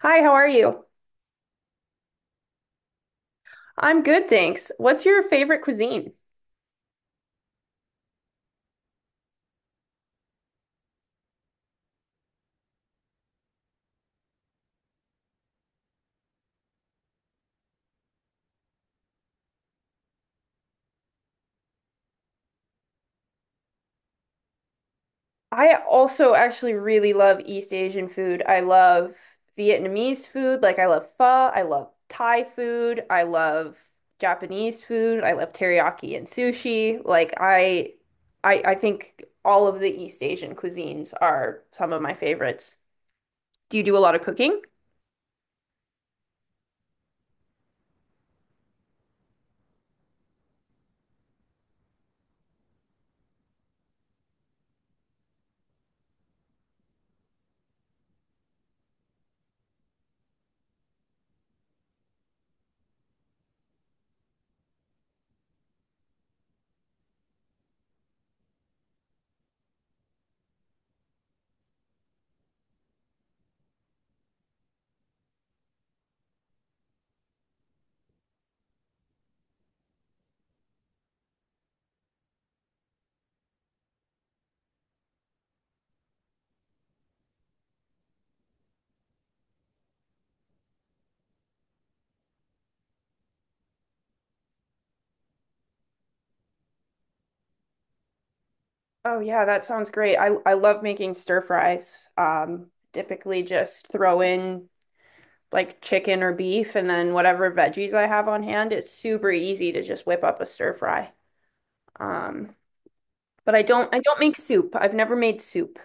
Hi, how are you? I'm good, thanks. What's your favorite cuisine? I also actually really love East Asian food. I love Vietnamese food, like I love pho, I love Thai food, I love Japanese food, I love teriyaki and sushi. Like I think all of the East Asian cuisines are some of my favorites. Do you do a lot of cooking? Oh yeah, that sounds great. I love making stir fries. Typically just throw in like chicken or beef and then whatever veggies I have on hand. It's super easy to just whip up a stir fry. Um, but I don't make soup. I've never made soup.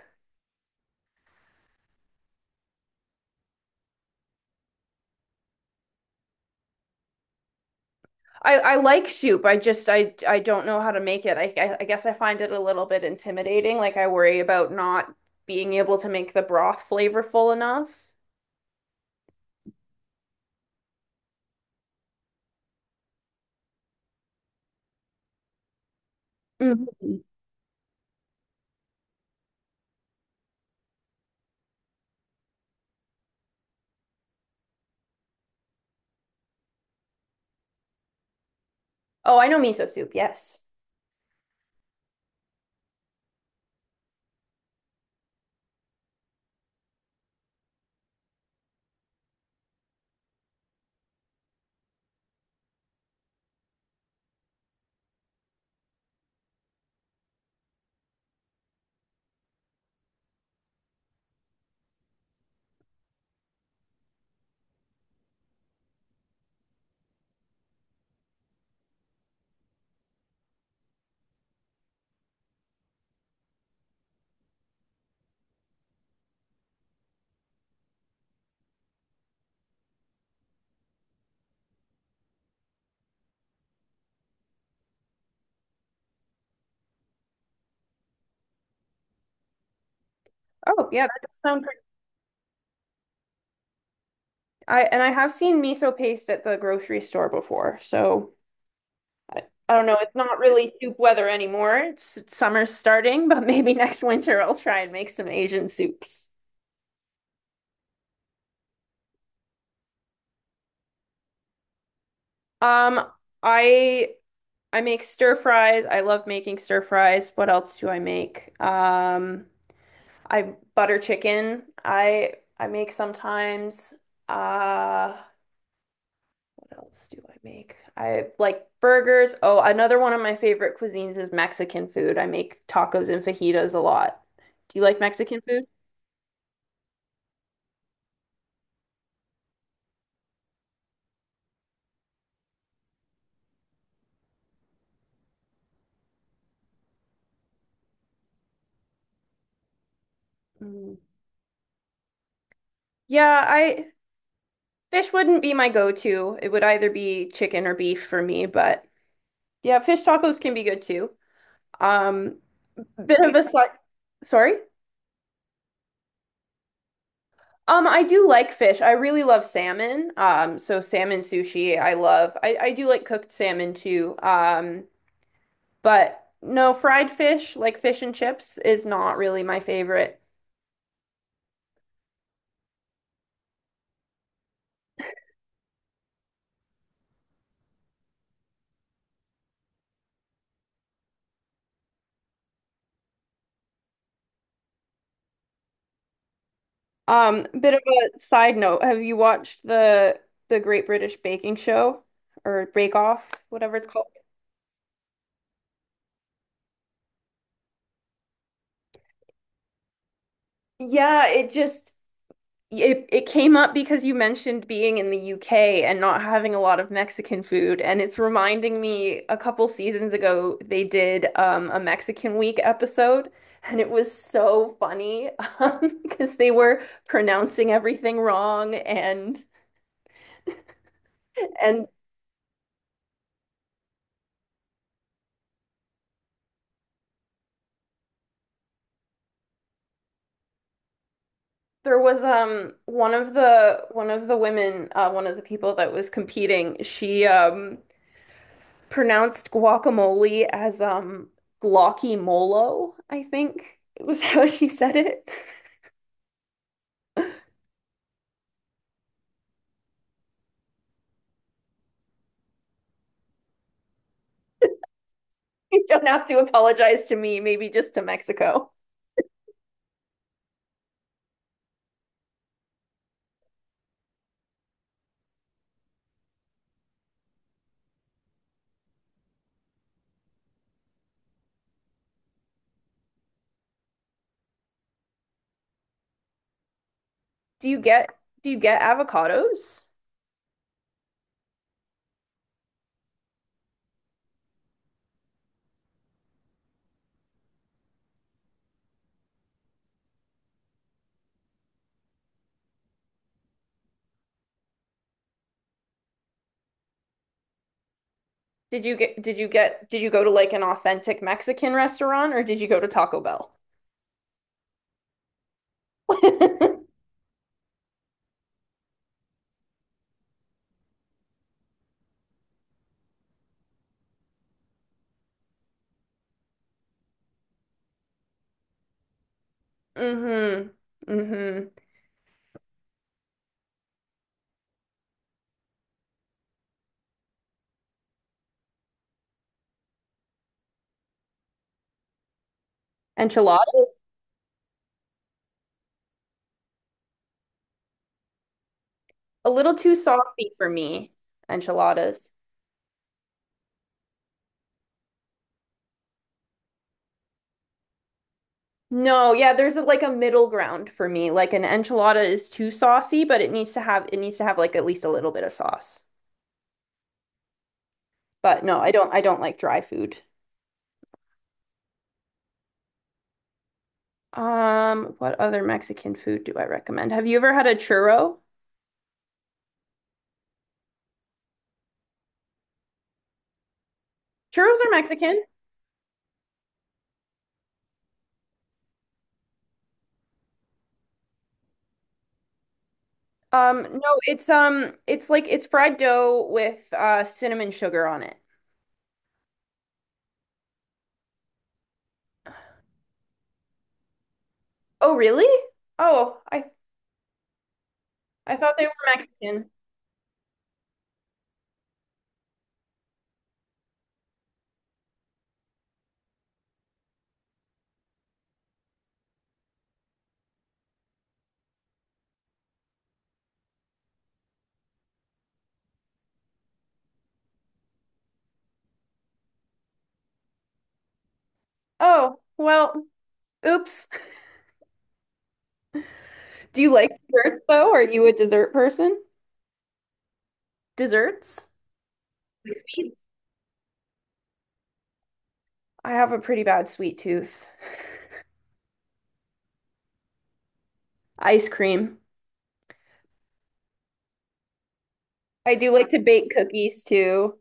I like soup. I just I don't know how to make it. I guess I find it a little bit intimidating. Like I worry about not being able to make the broth flavorful enough. Mhm. Oh, I know miso soup. Yes. Oh, yeah, that does sound pretty. I and I have seen miso paste at the grocery store before. So I, I don't know. It's not really soup weather anymore. It's summer's starting, but maybe next winter I'll try and make some Asian soups. Um, I I make stir fries. I love making stir fries. What else do I make? I butter chicken. I make sometimes. Uh What else do I make? I like burgers. Oh, another one of my favorite cuisines is Mexican food. I make tacos and fajitas a lot. Do you like Mexican food? Mm. Yeah, I fish wouldn't be my go-to. It would either be chicken or beef for me, but yeah, fish tacos can be good too. Um, bit of a slight, sorry. I do like fish. I really love salmon. So salmon sushi, I love. I do like cooked salmon too. But no, fried fish, like fish and chips, is not really my favorite. Bit of a side note. Have you watched the Great British Baking Show or Bake Off, whatever it's called? Yeah, it just it came up because you mentioned being in the UK and not having a lot of Mexican food, and it's reminding me a couple seasons ago they did a Mexican Week episode, and it was so funny because they were pronouncing everything wrong and there was one of the women one of the people that was competing she pronounced guacamole as glocky molo, I think it was how she said it. You don't have to apologize to me, maybe just to Mexico. Do you get do you get avocados? Did you get did you go to like an authentic Mexican restaurant or did you go to Taco Bell? Mm-hmm. Mm-hmm. Enchiladas? A little too saucy for me. Enchiladas. No, yeah, there's a, like a middle ground for me. Like an enchilada is too saucy, but it needs to have like at least a little bit of sauce. But no, I don't like dry food. What other Mexican food do I recommend? Have you ever had a churro? Churros are Mexican. No, it's like it's fried dough with cinnamon sugar on it. Oh, really? Oh, I thought they were Mexican. Oh, well, oops. Do you like desserts though? Are you a dessert person? Desserts? Like Sweets? I have a pretty bad sweet tooth. Ice cream. I do like to bake cookies too.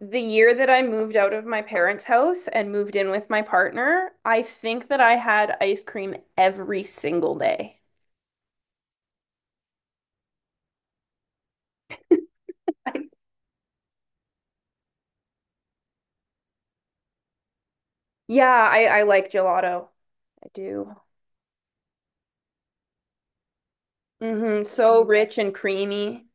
The year that I moved out of my parents' house and moved in with my partner, I think that I had ice cream every single day. Yeah, I like gelato. I do. Hmm. So rich and creamy.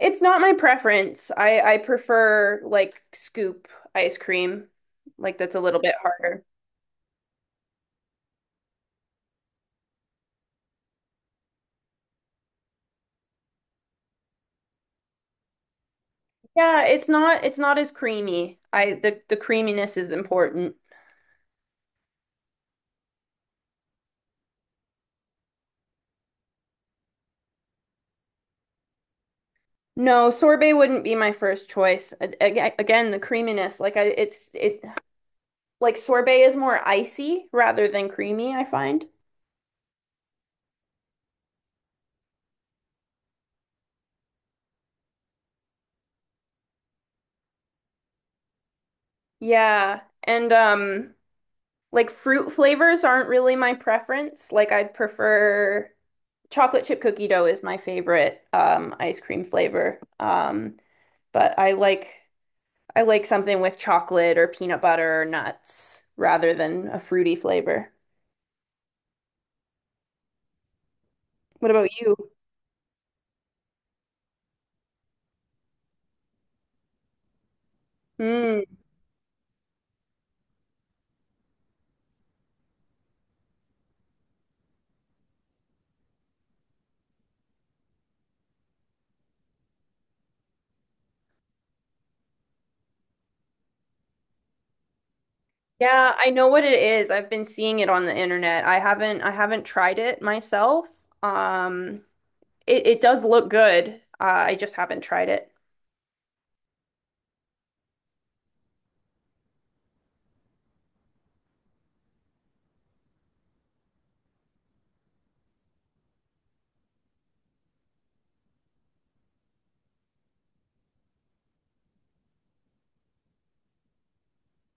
It's not my preference. I prefer like scoop ice cream. Like that's a little bit harder. Yeah, it's not as creamy. I the creaminess is important. No, sorbet wouldn't be my first choice. A- Again, the creaminess, like I it's it like sorbet is more icy rather than creamy, I find. Yeah. And like fruit flavors aren't really my preference. Like I'd prefer chocolate chip cookie dough is my favorite ice cream flavor. But I like something with chocolate or peanut butter or nuts rather than a fruity flavor. What about you? Mm. Yeah, I know what it is. I've been seeing it on the internet. I haven't tried it myself. Um, it, it does look good. I just haven't tried it.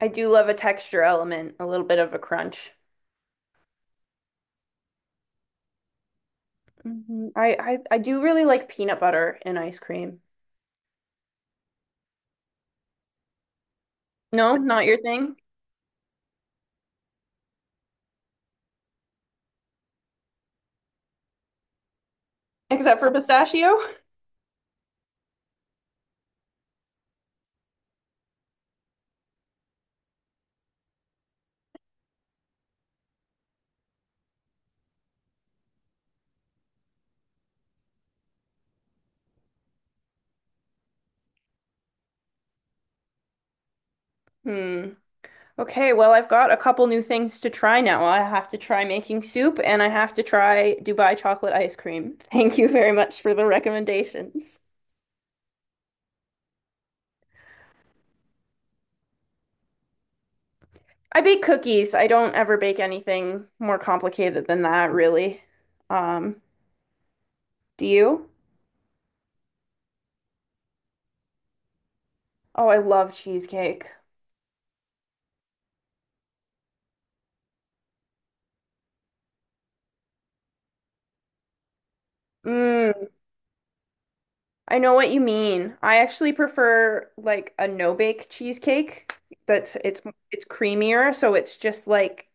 I do love a texture element, a little bit of a crunch. Hmm. I do really like peanut butter in ice cream. No, not your thing, except for pistachio. Hmm. Okay, well, I've got a couple new things to try now. I have to try making soup and I have to try Dubai chocolate ice cream. Thank you very much for the recommendations. I bake cookies. I don't ever bake anything more complicated than that, really. Um, do you? Oh, I love cheesecake. Mm. I know what you mean. I actually prefer like a no-bake cheesecake that's it's creamier, so it's just like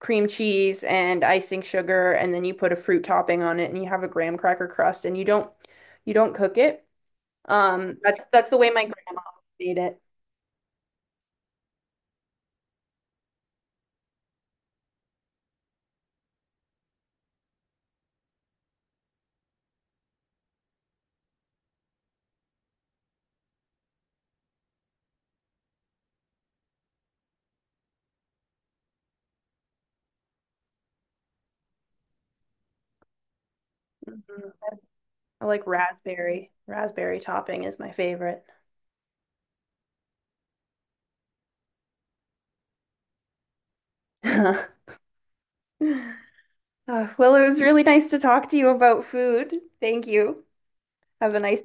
cream cheese and icing sugar and then you put a fruit topping on it and you have a graham cracker crust and you don't cook it. That's the way my grandma made it. Mhm. I like raspberry. Raspberry topping is my favorite. Well, it was really nice to talk to you about food. Thank you. Have a nice